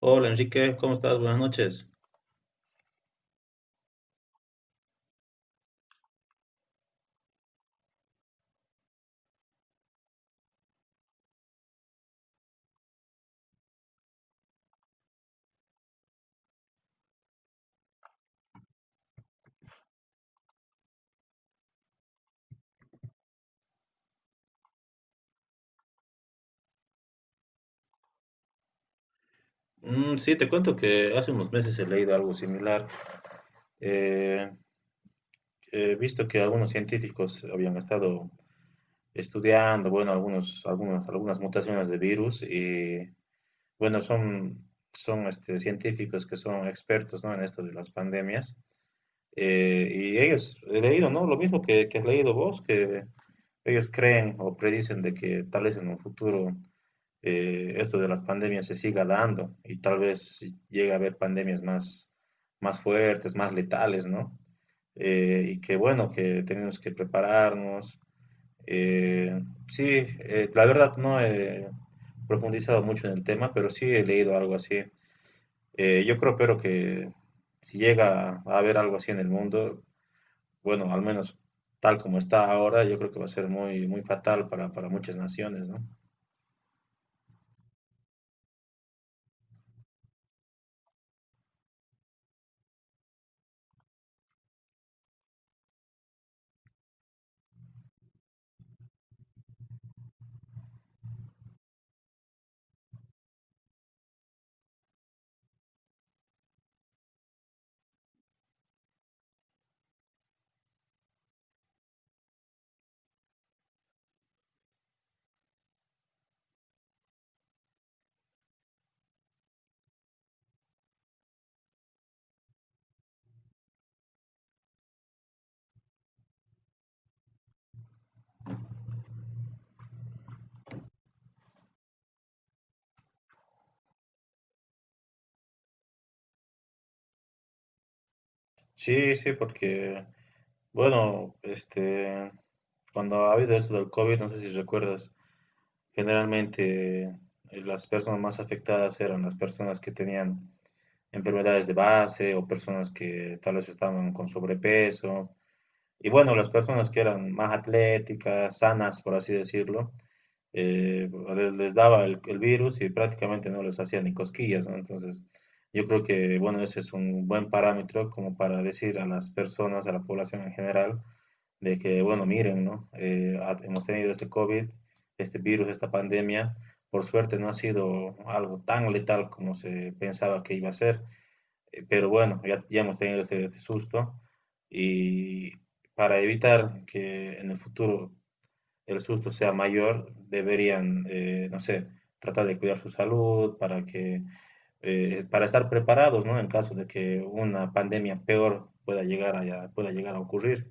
Hola Enrique, ¿cómo estás? Buenas noches. Mm, sí, te cuento que hace unos meses he leído algo similar. Eh, He visto que algunos científicos habían estado estudiando, bueno, algunas mutaciones de virus y, bueno, son, son este, científicos que son expertos, ¿no?, en esto de las pandemias. Y ellos, he leído, ¿no?, lo mismo que has leído vos, que ellos creen o predicen de que tal vez en un futuro esto de las pandemias se siga dando y tal vez llegue a haber pandemias más fuertes, más letales, ¿no? Y que bueno, que tenemos que prepararnos. Eh, sí, la verdad no he profundizado mucho en el tema, pero sí he leído algo así. Yo creo, pero que si llega a haber algo así en el mundo, bueno, al menos tal como está ahora, yo creo que va a ser muy, muy fatal para muchas naciones, ¿no? Sí, sí, porque bueno, este, cuando ha habido esto del COVID, no sé si recuerdas, generalmente las personas más afectadas eran las personas que tenían enfermedades de base o personas que tal vez estaban con sobrepeso. Y bueno, las personas que eran más atléticas, sanas, por así decirlo, eh, les daba el virus y prácticamente no les hacía ni cosquillas, ¿no? Entonces, yo creo que, bueno, ese es un buen parámetro como para decir a las personas, a la población en general, de que, bueno, miren, ¿no? Hemos tenido este COVID, este virus, esta pandemia. Por suerte no ha sido algo tan letal como se pensaba que iba a ser, pero bueno, ya hemos tenido este susto y para evitar que en el futuro el susto sea mayor, deberían, no sé, tratar de cuidar su salud para que, para estar preparados, ¿no? En caso de que una pandemia peor pueda llegar pueda llegar a ocurrir.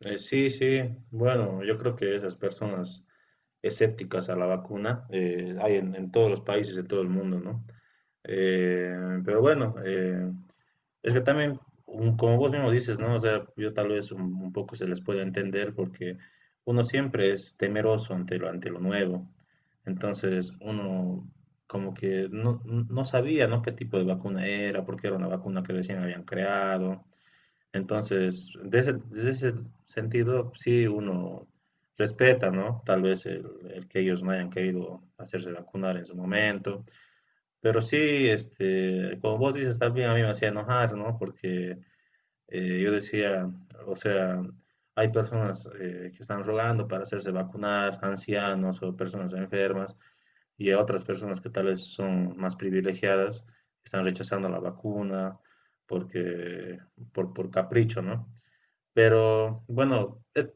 Sí, sí. Bueno, yo creo que esas personas escépticas a la vacuna, hay en todos los países de todo el mundo, ¿no? Pero bueno, es que también, como vos mismo dices, ¿no? O sea, yo tal vez un poco se les puede entender porque uno siempre es temeroso ante ante lo nuevo. Entonces, uno como que no sabía, ¿no?, qué tipo de vacuna era, porque era una vacuna que recién habían creado. Entonces, de ese sentido, sí uno respeta, ¿no? Tal vez el que ellos no hayan querido hacerse vacunar en su momento. Pero sí, este, como vos dices, también a mí me hacía enojar, ¿no? Porque, yo decía, o sea, hay personas, que están rogando para hacerse vacunar, ancianos o personas enfermas, y a otras personas que tal vez son más privilegiadas, están rechazando la vacuna porque, por capricho, ¿no? Pero bueno,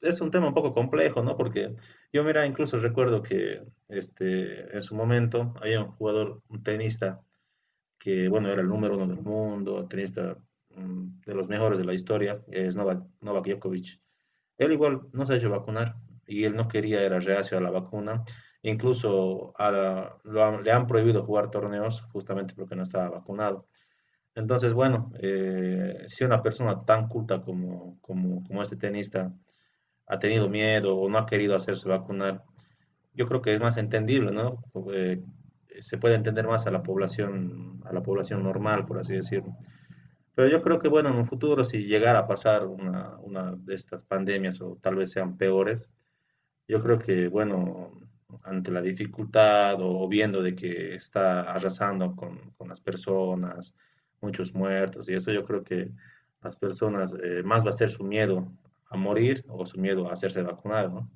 es un tema un poco complejo, ¿no? Porque yo, mira, incluso recuerdo que este, en su momento había un jugador, un tenista, que bueno, era el número uno del mundo, tenista, mm, de los mejores de la historia, es Novak Djokovic. Él igual no se ha hecho vacunar y él no quería, era reacio a la vacuna. Incluso a la- lo han- le han prohibido jugar torneos justamente porque no estaba vacunado. Entonces, bueno, si una persona tan culta como este tenista ha tenido miedo o no ha querido hacerse vacunar, yo creo que es más entendible, ¿no? Eh, se puede entender más a la población normal, por así decirlo. Pero yo creo que, bueno, en un futuro, si llegara a pasar una de estas pandemias o tal vez sean peores, yo creo que, bueno, ante la dificultad o viendo de que está arrasando con las personas, muchos muertos y eso, yo creo que las personas, más va a ser su miedo a morir o su miedo a hacerse vacunar, ¿no?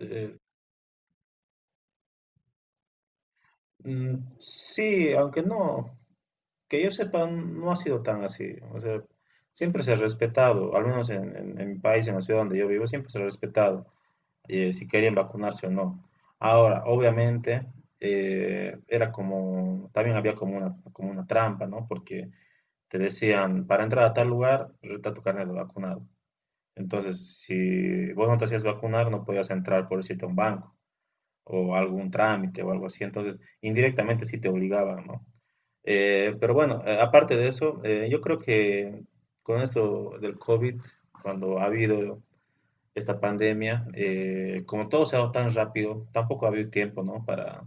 Eh, sí, aunque no, que yo sepa, no ha sido tan así. O sea, siempre se ha respetado, al menos en mi país, en la ciudad donde yo vivo, siempre se ha respetado, si querían vacunarse o no. Ahora, obviamente, era como, también había como una trampa, ¿no? Porque te decían, para entrar a tal lugar, reta tu carnet de vacunado. Entonces, si vos no te hacías vacunar, no podías entrar, por decirte, a un banco o algún trámite o algo así. Entonces, indirectamente sí te obligaban, ¿no? Pero bueno, aparte de eso, yo creo que con esto del COVID, cuando ha habido esta pandemia, como todo se ha dado tan rápido, tampoco ha habido tiempo, ¿no?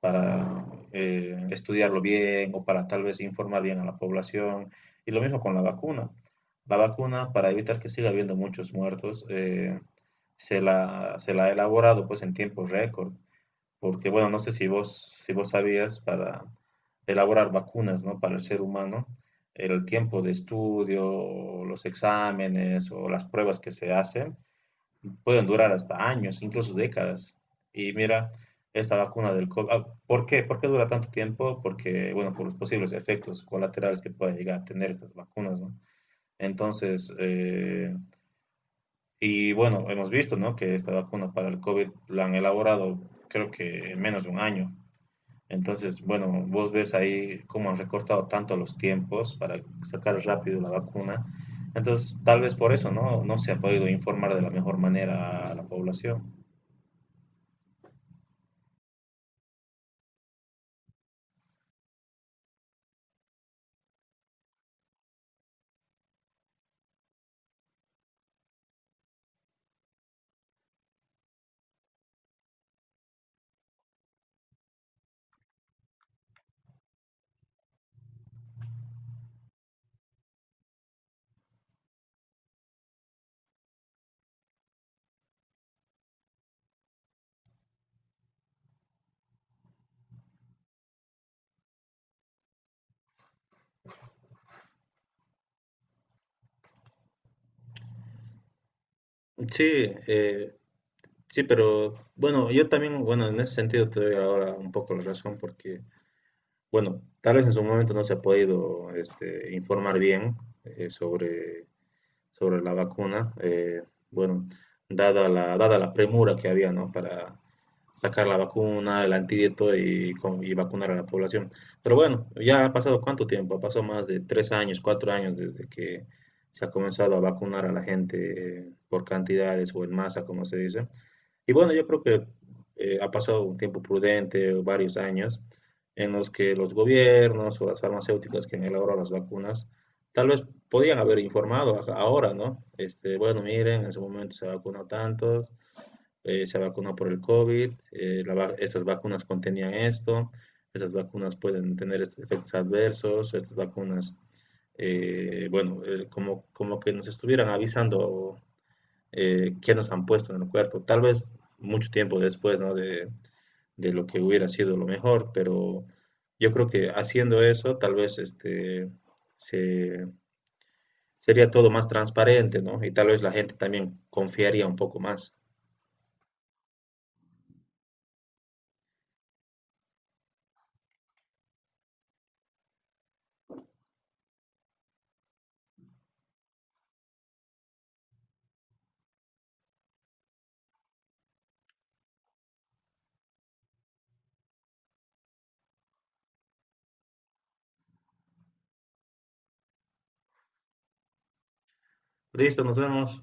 Para, estudiarlo bien o para tal vez informar bien a la población. Y lo mismo con la vacuna. La vacuna, para evitar que siga habiendo muchos muertos, se la ha elaborado pues en tiempo récord. Porque, bueno, no sé si vos sabías, para elaborar vacunas, ¿no?, para el ser humano, el tiempo de estudio, los exámenes o las pruebas que se hacen, pueden durar hasta años, incluso décadas. Y mira, esta vacuna del COVID, ah, ¿por qué? ¿Por qué dura tanto tiempo? Porque, bueno, por los posibles efectos colaterales que pueden llegar a tener estas vacunas, ¿no? Entonces, y bueno, hemos visto, ¿no?, que esta vacuna para el COVID la han elaborado creo que en menos de un año. Entonces, bueno, vos ves ahí cómo han recortado tanto los tiempos para sacar rápido la vacuna. Entonces, tal vez por eso, ¿no?, no se ha podido informar de la mejor manera a la población. Sí, eh, sí, pero bueno, yo también, bueno, en ese sentido te doy ahora un poco la razón porque, bueno, tal vez en su momento no se ha podido este, informar bien, eh, sobre sobre la vacuna, bueno, dada la premura que había, ¿no?, para sacar la vacuna, el antídoto y vacunar a la población. Pero bueno, ya ha pasado cuánto tiempo, ha pasado más de 3 años, 4 años desde que se ha comenzado a vacunar a la gente, por cantidades o en masa, como se dice. Y bueno, yo creo que, ha pasado un tiempo prudente, varios años, en los que los gobiernos o las farmacéuticas que han elaborado las vacunas, tal vez podían haber informado ahora, ¿no? Este, bueno, miren, en su momento se vacunó tantos, se vacunó por el COVID, estas vacunas contenían esto, estas vacunas pueden tener estos efectos adversos, estas vacunas, bueno, como que nos estuvieran avisando, que nos han puesto en el cuerpo. Tal vez mucho tiempo después, ¿no?, de lo que hubiera sido lo mejor, pero yo creo que haciendo eso, tal vez este, se, sería todo más transparente, ¿no? Y tal vez la gente también confiaría un poco más. Listo, nos vemos.